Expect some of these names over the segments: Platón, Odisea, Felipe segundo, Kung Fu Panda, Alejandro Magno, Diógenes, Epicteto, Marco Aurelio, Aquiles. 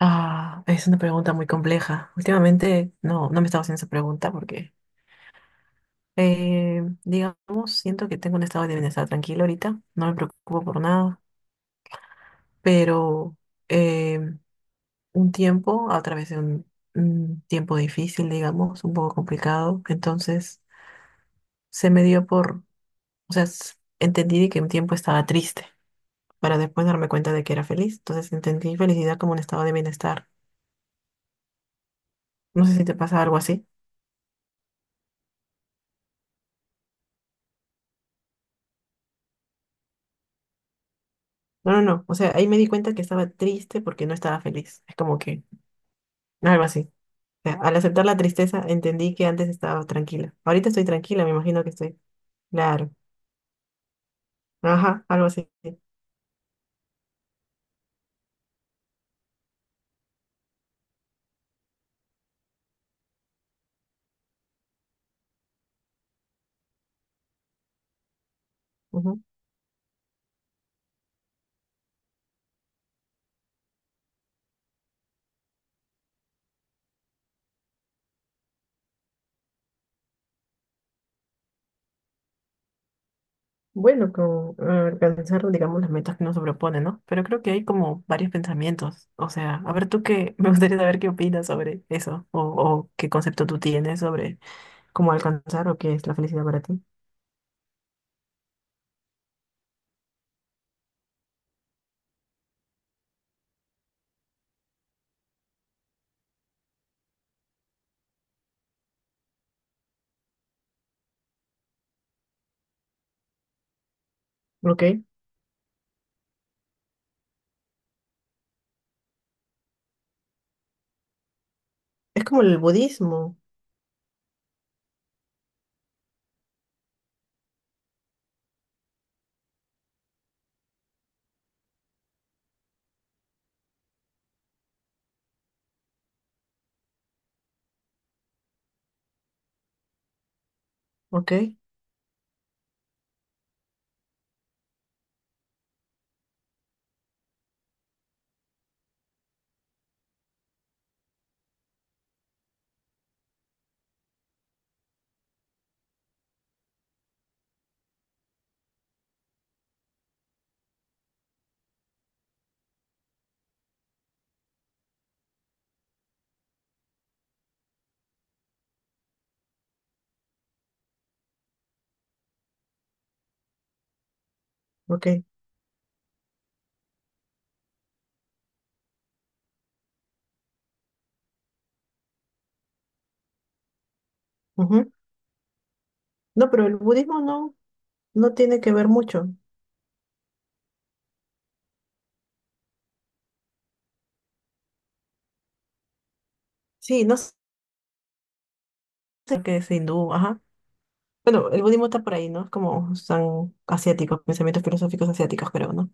Ah, es una pregunta muy compleja. Últimamente no me estaba haciendo esa pregunta porque, digamos, siento que tengo un estado de bienestar tranquilo ahorita, no me preocupo por nada, pero eh, un tiempo, a través de un tiempo difícil, digamos, un poco complicado, entonces se me dio por, o sea, entendí que un tiempo estaba triste para después darme cuenta de que era feliz, entonces entendí felicidad como un estado de bienestar. No sé si te pasa algo así. No, no, no. O sea, ahí me di cuenta que estaba triste porque no estaba feliz. Es como que algo así. O sea, al aceptar la tristeza entendí que antes estaba tranquila. Ahorita estoy tranquila, me imagino que estoy. Claro. Ajá, algo así. Ujú. Bueno, con alcanzar, digamos, las metas que nos propone, ¿no? Pero creo que hay como varios pensamientos. O sea, a ver tú qué, me gustaría saber qué opinas sobre eso o qué concepto tú tienes sobre cómo alcanzar o qué es la felicidad para ti. Ok. Es como el budismo. Ok, ok. Ujú. No, pero el budismo no, no tiene que ver mucho. Sí, no sé qué es hindú, ajá. Bueno, el budismo está por ahí, ¿no? Es como son asiáticos, pensamientos filosóficos asiáticos, creo, ¿no?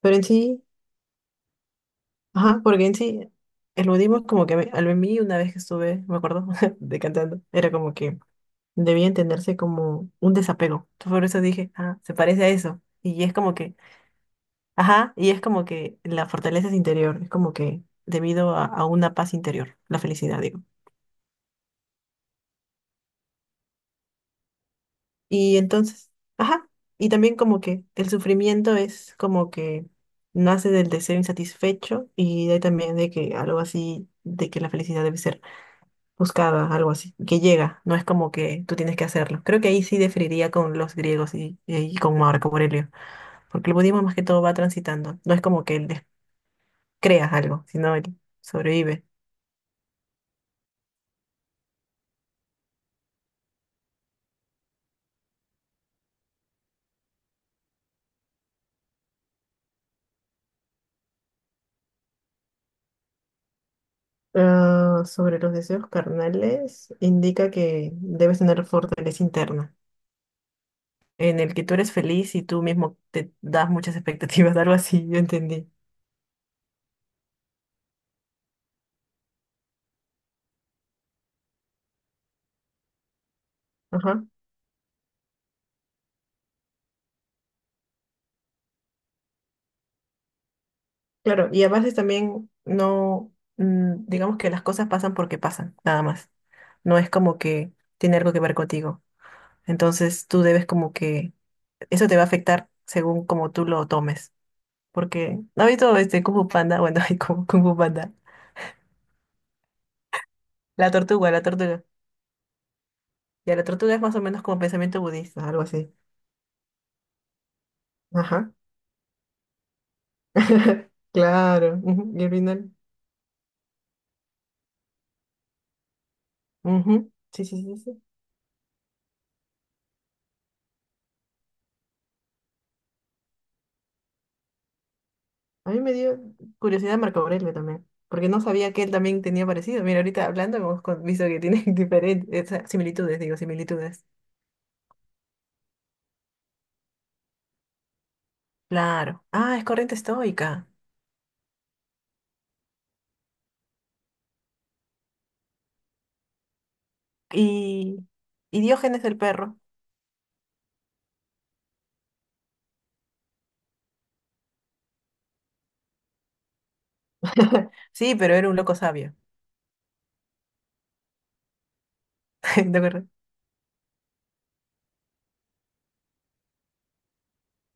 Pero en sí, ajá, porque en sí, el budismo es como que a mí una vez que estuve, me acuerdo, de cantando, era como que debía entenderse como un desapego. Entonces, por eso dije, ah, se parece a eso. Y es como que, ajá, y es como que la fortaleza es interior, es como que debido a una paz interior, la felicidad, digo. Y entonces, ajá, y también como que el sufrimiento es como que nace del deseo insatisfecho y de ahí también de que algo así, de que la felicidad debe ser buscada, algo así, que llega, no es como que tú tienes que hacerlo. Creo que ahí sí diferiría con los griegos y con Marco Aurelio, porque el budismo más que todo va transitando, no es como que él creas algo, sino él sobrevive. Ah, sobre los deseos carnales, indica que debes tener fortaleza interna en el que tú eres feliz y tú mismo te das muchas expectativas, algo así, yo entendí. Ajá, claro, y a veces también no, digamos que las cosas pasan porque pasan, nada más. No es como que tiene algo que ver contigo. Entonces tú debes como que, eso te va a afectar según como tú lo tomes. Porque, ¿no has visto este Kung Fu Panda? Bueno, hay Kung Fu Panda. La tortuga, la tortuga. Ya, la tortuga es más o menos como pensamiento budista, algo así. Ajá. Claro. Ujú. Y al final. Ujú. Sí, sí, sí, sí. A mí me dio curiosidad Marco Aurelio también, porque no sabía que él también tenía parecido. Mira, ahorita hablando hemos visto que tiene diferentes similitudes, digo, similitudes. Claro. Ah, es corriente estoica. Y, y Diógenes el perro. Sí, pero era un loco sabio. ¿De acuerdo?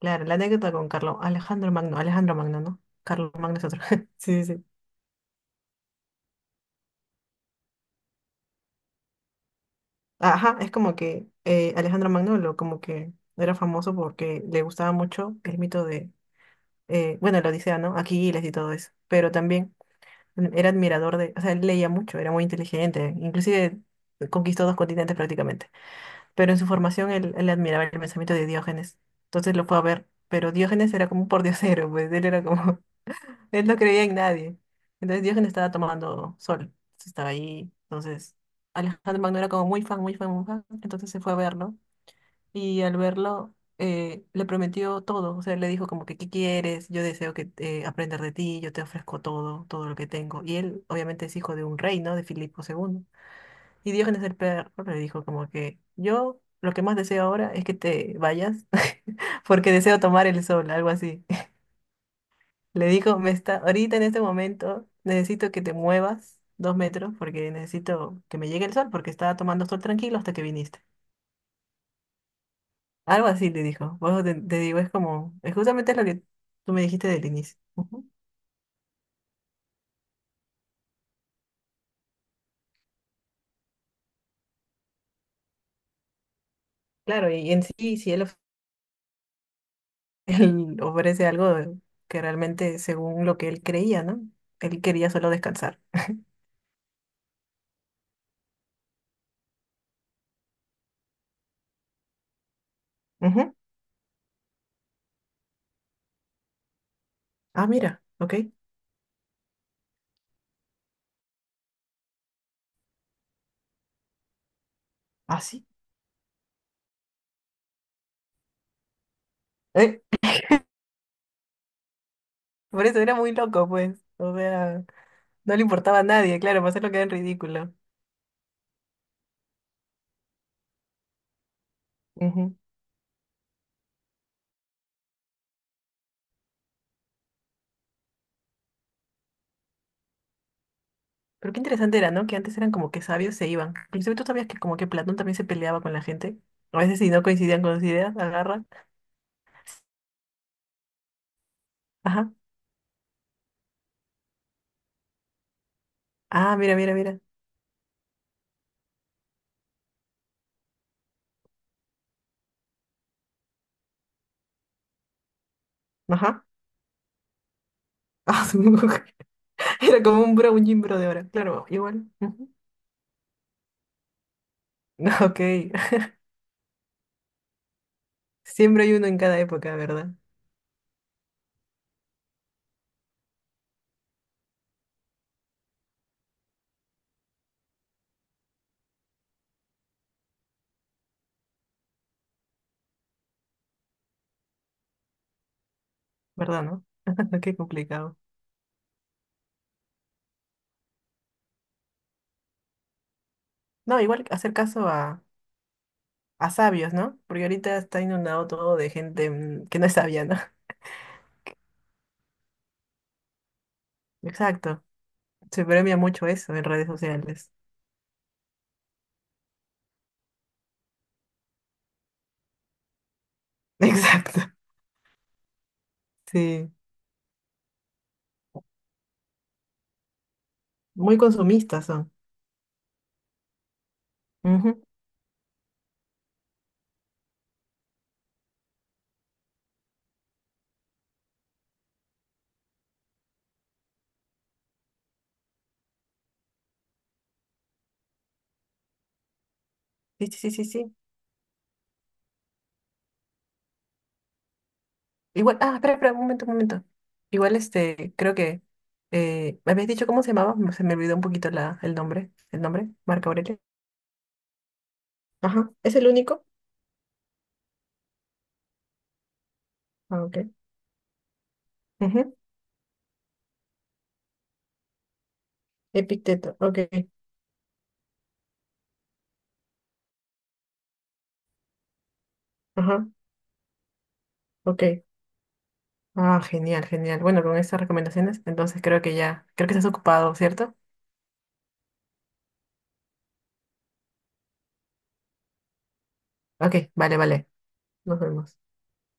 Claro, la anécdota con Carlos, Alejandro Magno, Alejandro Magno, ¿no? Carlos Magno es otro. Sí, sí, sí. Ajá, es como que Alejandro Magno como que era famoso porque le gustaba mucho el mito de bueno, la Odisea, ¿no? Aquiles y todo eso, pero también era admirador de, o sea, él leía mucho, era muy inteligente, inclusive conquistó dos continentes prácticamente, pero en su formación él admiraba el pensamiento de Diógenes, entonces lo fue a ver, pero Diógenes era como un pordiosero, pues él era como, él no creía en nadie, entonces Diógenes estaba tomando sol, entonces estaba ahí, entonces Alejandro Magno era como muy fan, muy fan, muy fan, entonces se fue a verlo y al verlo, le prometió todo. O sea, le dijo como que, ¿qué quieres? Yo deseo que aprender de ti, yo te ofrezco todo, todo lo que tengo. Y él, obviamente, es hijo de un rey, ¿no? De Filipo segundo. Y Diógenes el perro le dijo como que, yo lo que más deseo ahora es que te vayas, porque deseo tomar el sol, algo así. Le dijo, me está, ahorita en este momento necesito que te muevas dos metros porque necesito que me llegue el sol, porque estaba tomando sol tranquilo hasta que viniste. Algo así le dijo. Por eso te digo, es como, es justamente lo que tú me dijiste del inicio. Ujú. Claro, y en sí, si él, él ofrece algo que realmente según lo que él creía, ¿no? Él quería solo descansar. Ujú. Ah, mira, ok. Así. ¿Eh? Por eso era muy loco, pues. O sea, no le importaba a nadie, claro, para hacerlo quedar en ridículo. Ujú. Pero qué interesante era, ¿no? Que antes eran como que sabios se iban. Inclusive tú sabías que como que Platón también se peleaba con la gente. A veces si no coincidían con sus ideas, agarra. Ah, mira, mira, mira. Ajá. Ah, era como un bro, un gym bro de ahora. Claro, igual. Ujú. Ok. Siempre hay uno en cada época, ¿verdad? ¿Verdad, no? Qué complicado. No, igual hacer caso a sabios, ¿no? Porque ahorita está inundado todo de gente que no es sabia, ¿no? Exacto. Se premia mucho eso en redes sociales. Exacto. Sí. Muy consumistas son. Ujú. Sí, sí, sí, sí, sí. Igual, ah, espera, espera, un momento, un momento. Igual, este, creo que me habías dicho cómo se llamaba, se me olvidó un poquito la, el nombre, Marco Aurelio. Ajá, ¿es el único? Ah, ok. Ujú. Epicteto, ok. Ajá, ok. Ah, genial, genial. Bueno, con estas recomendaciones, entonces creo que ya, creo que estás ocupado, ¿cierto? Ok, vale, vale. Nos vemos.